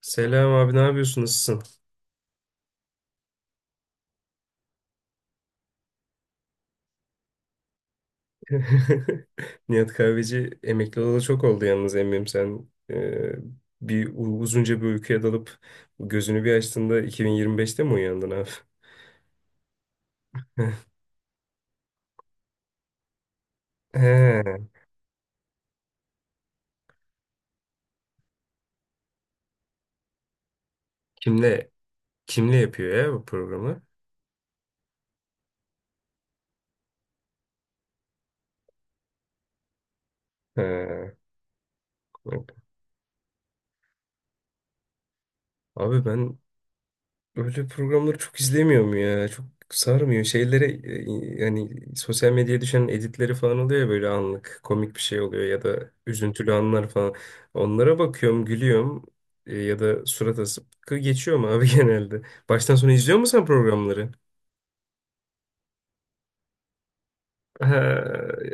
Selam abi, ne yapıyorsun, nasılsın? Nihat Kahveci emekli olalı çok oldu yalnız. Eminim sen bir uzunca bir uykuya dalıp gözünü bir açtığında 2025'te mi uyandın abi? He. Kimle kimle yapıyor ya bu programı? He. Abi ben öyle programları çok izlemiyorum ya. Çok sarmıyor. Şeylere yani sosyal medyaya düşen editleri falan oluyor ya, böyle anlık komik bir şey oluyor ya da üzüntülü anlar falan. Onlara bakıyorum, gülüyorum ya da surat asıp geçiyorum abi genelde. Baştan sona izliyor musun sen programları? Ha,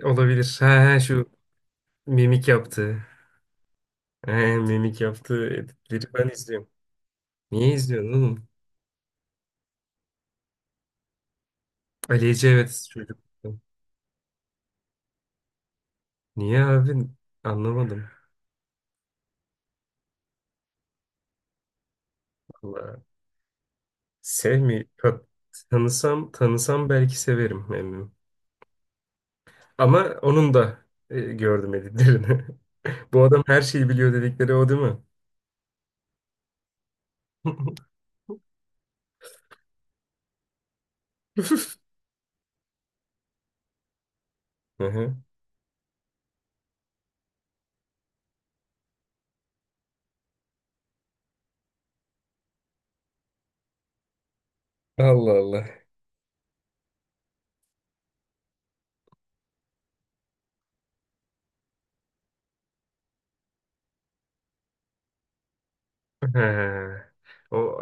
olabilir. Ha, ha, şu mimik yaptı. Ha, mimik yaptığı editleri ben izliyorum. Niye izliyorsun oğlum? Ali Ece, evet çocuk. Niye abi? Anlamadım. Allah. Sevmi ta- Tanısam tanısam belki severim emmim. Ama onun da gördüm editlerini. Bu adam her şeyi biliyor dedikleri o değil mi? Hı hı. Allah Allah. He. O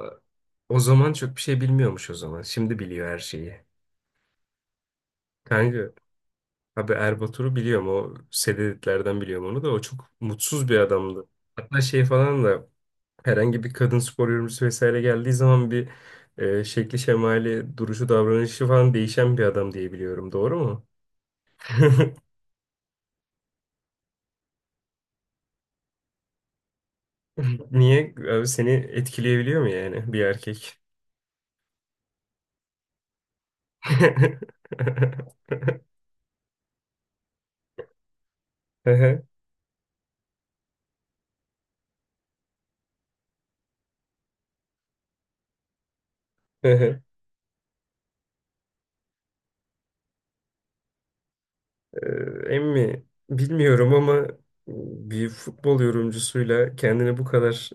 o zaman çok bir şey bilmiyormuş o zaman. Şimdi biliyor her şeyi. Kanka abi, Erbatur'u biliyorum, o sededitlerden biliyorum onu da. O çok mutsuz bir adamdı. Hatta şey falan da herhangi bir kadın spor yorumcusu vesaire geldiği zaman bir şekli şemali, duruşu, davranışı falan değişen bir adam diye biliyorum. Doğru mu? Niye? Abi seni etkileyebiliyor mu yani bir erkek? Ehe, ehe. Ee, Emmi bilmiyorum ama e, bir futbol yorumcusuyla kendini bu kadar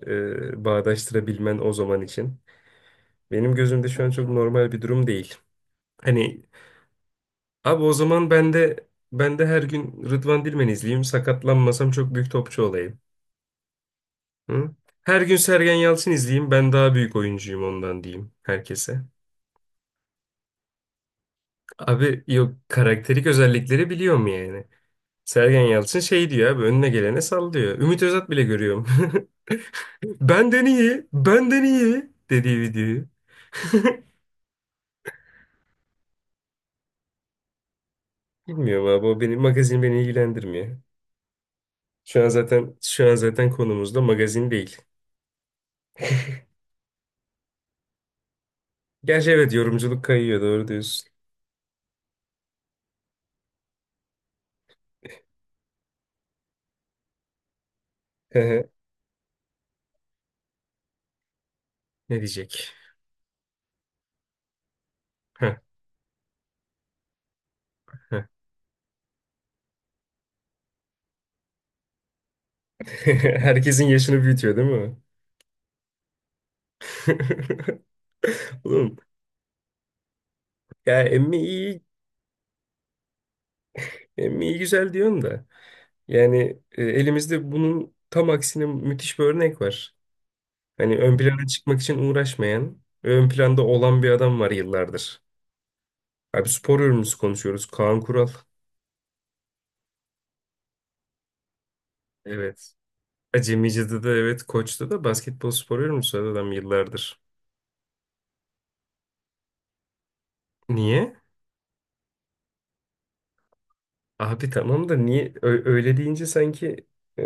bağdaştırabilmen o zaman için. Benim gözümde şu an çok normal bir durum değil. Hani abi o zaman ben de her gün Rıdvan Dilmen izleyeyim. Sakatlanmasam çok büyük topçu olayım. Hı? Her gün Sergen Yalçın izleyeyim. Ben daha büyük oyuncuyum ondan diyeyim herkese. Abi yok, karakterik özellikleri biliyorum yani. Sergen Yalçın şey diyor abi, önüne gelene sallıyor. Ümit Özat bile görüyorum. Benden iyi, benden iyi dediği videoyu. Bilmiyorum abi, o benim magazin, beni ilgilendirmiyor. Şu an zaten konumuz da magazin değil. Gerçi evet, yorumculuk kayıyor, doğru diyorsun. Ne diyecek? Heh, heh. Herkesin yaşını büyütüyor değil mi? Oğlum ya emmi iyi, emmi iyi güzel diyorsun da. Yani elimizde bunun tam aksine müthiş bir örnek var. Hani ön plana çıkmak için uğraşmayan, ön planda olan bir adam var yıllardır. Abi spor yorumcusu konuşuyoruz. Kaan Kural. Evet. Acemice'de de, evet, Koç'ta da basketbol spor yorumcusu adam yıllardır. Niye? Abi tamam da niye öyle deyince sanki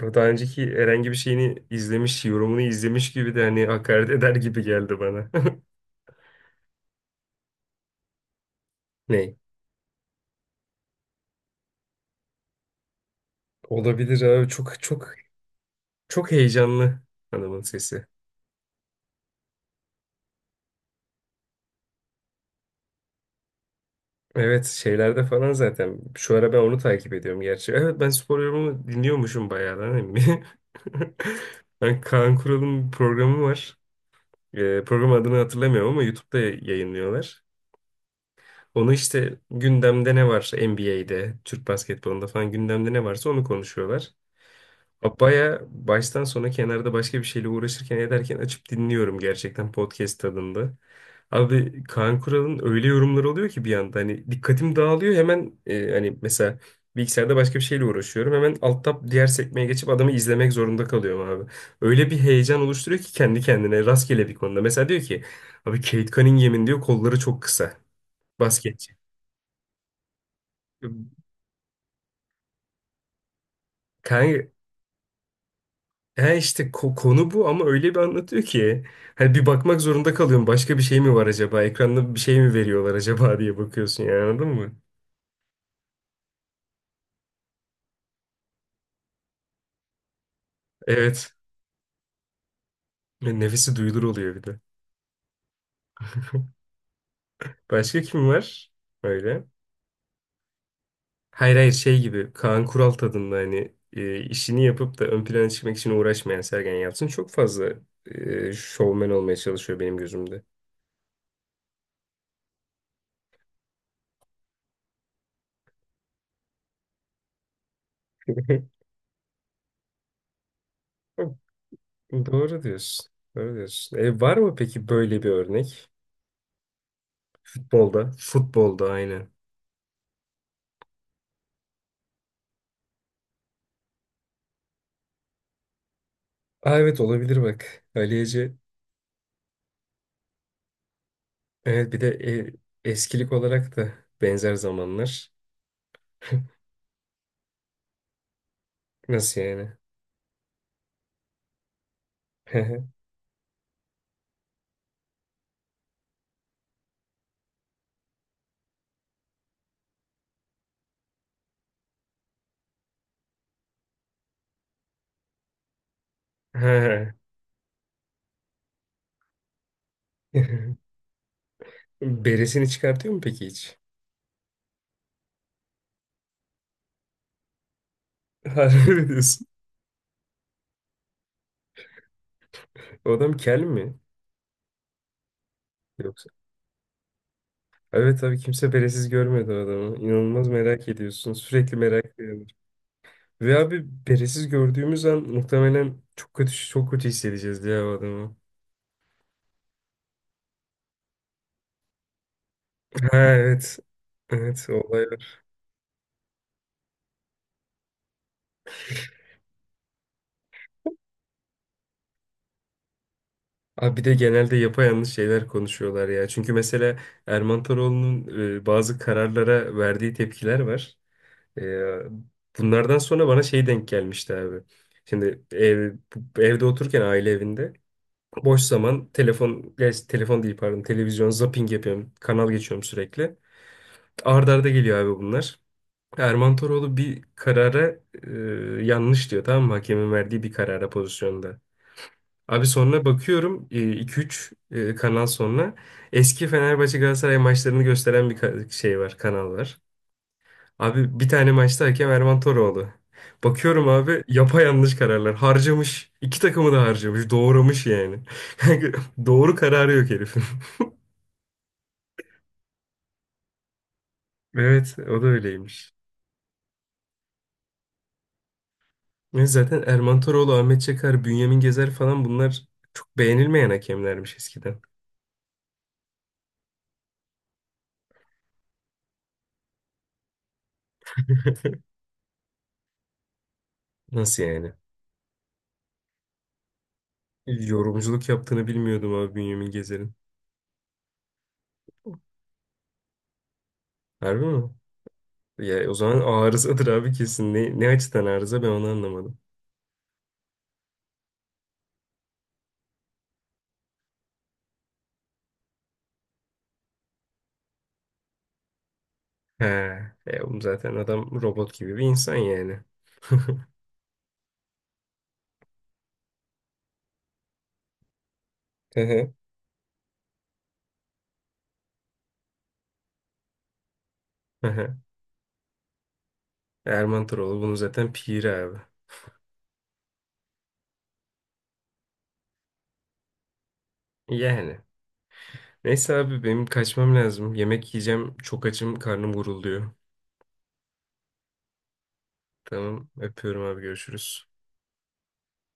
bu daha önceki herhangi bir şeyini izlemiş, yorumunu izlemiş gibi de hani hakaret eder gibi geldi bana. Ne? Olabilir abi, çok çok çok heyecanlı hanımın sesi. Evet, şeylerde falan zaten. Şu ara ben onu takip ediyorum gerçi. Evet, ben spor yorumunu dinliyormuşum bayağı lan emmi. Ben, Kaan Kural'ın bir programı var. E, program adını hatırlamıyorum ama YouTube'da yayınlıyorlar. Onu işte, gündemde ne var NBA'de, Türk basketbolunda falan gündemde ne varsa onu konuşuyorlar. Baya baştan sona kenarda başka bir şeyle uğraşırken ederken açıp dinliyorum, gerçekten podcast tadında. Abi Kaan Kural'ın öyle yorumları oluyor ki bir anda hani dikkatim dağılıyor hemen. E, hani mesela bilgisayarda başka bir şeyle uğraşıyorum. Hemen alt tab diğer sekmeye geçip adamı izlemek zorunda kalıyorum abi. Öyle bir heyecan oluşturuyor ki kendi kendine rastgele bir konuda. Mesela diyor ki abi, Kate Cunningham'in diyor kolları çok kısa basketçi. Kanka he, işte konu bu ama öyle bir anlatıyor ki hani bir bakmak zorunda kalıyorum. Başka bir şey mi var acaba? Ekranda bir şey mi veriyorlar acaba diye bakıyorsun yani, anladın mı? Evet. Nefesi duyulur oluyor bir de. Başka kim var? Öyle. Hayır hayır, şey gibi Kaan Kural tadında hani işini yapıp da ön plana çıkmak için uğraşmayan. Sergen Yalçın çok fazla şovmen olmaya çalışıyor benim gözümde. Doğru diyorsun. Doğru diyorsun. E, var mı peki böyle bir örnek? Futbolda. Futbolda aynen. Aa, evet, olabilir bak. Ali Ece. Evet bir de eskilik olarak da benzer zamanlar. Nasıl yani? Ha. Beresini çıkartıyor mu peki hiç? Harbi mi diyorsun? O adam kel mi? Yoksa. Evet abi, kimse beresiz görmedi o adamı. İnanılmaz merak ediyorsun. Sürekli merak ediyorsun. Ve abi beresiz gördüğümüz an muhtemelen çok kötü çok kötü hissedeceğiz diye o adamı. Ha, evet. Evet olay. Abi bir de genelde yapayalnız şeyler konuşuyorlar ya. Çünkü mesela Erman Toroğlu'nun bazı kararlara verdiği tepkiler var. E, bunlardan sonra bana şey denk gelmişti abi. Şimdi evde otururken, aile evinde boş zaman telefon, gerçi telefon değil pardon, televizyon zapping yapıyorum. Kanal geçiyorum sürekli. Arda arda geliyor abi bunlar. Erman Toroğlu bir karara e, yanlış diyor, tamam mı? Hakemin verdiği bir karara, pozisyonda. Abi sonra bakıyorum iki üç kanal sonra eski Fenerbahçe Galatasaray maçlarını gösteren bir şey var, kanal var. Abi bir tane maçta hakem Erman Toroğlu. Bakıyorum abi yapayalnız kararlar. Harcamış. İki takımı da harcamış. Doğramış yani. Doğru kararı yok herifin. Evet, o da öyleymiş. Ve zaten Erman Toroğlu, Ahmet Çakar, Bünyamin Gezer falan bunlar çok beğenilmeyen hakemlermiş eskiden. Nasıl yani? Yorumculuk yaptığını bilmiyordum abi Bünyamin Gezer'in. Harbi mi? Ya o zaman arızadır abi kesin. Ne açıdan arıza, ben onu anlamadım. He. E, oğlum zaten adam robot gibi bir insan yani. Hı hı. Hı hı. Erman Toroğlu bunu zaten piri abi. Yani. Neyse abi benim kaçmam lazım. Yemek yiyeceğim. Çok açım, karnım gurulduyor. Tamam, öpüyorum abi, görüşürüz.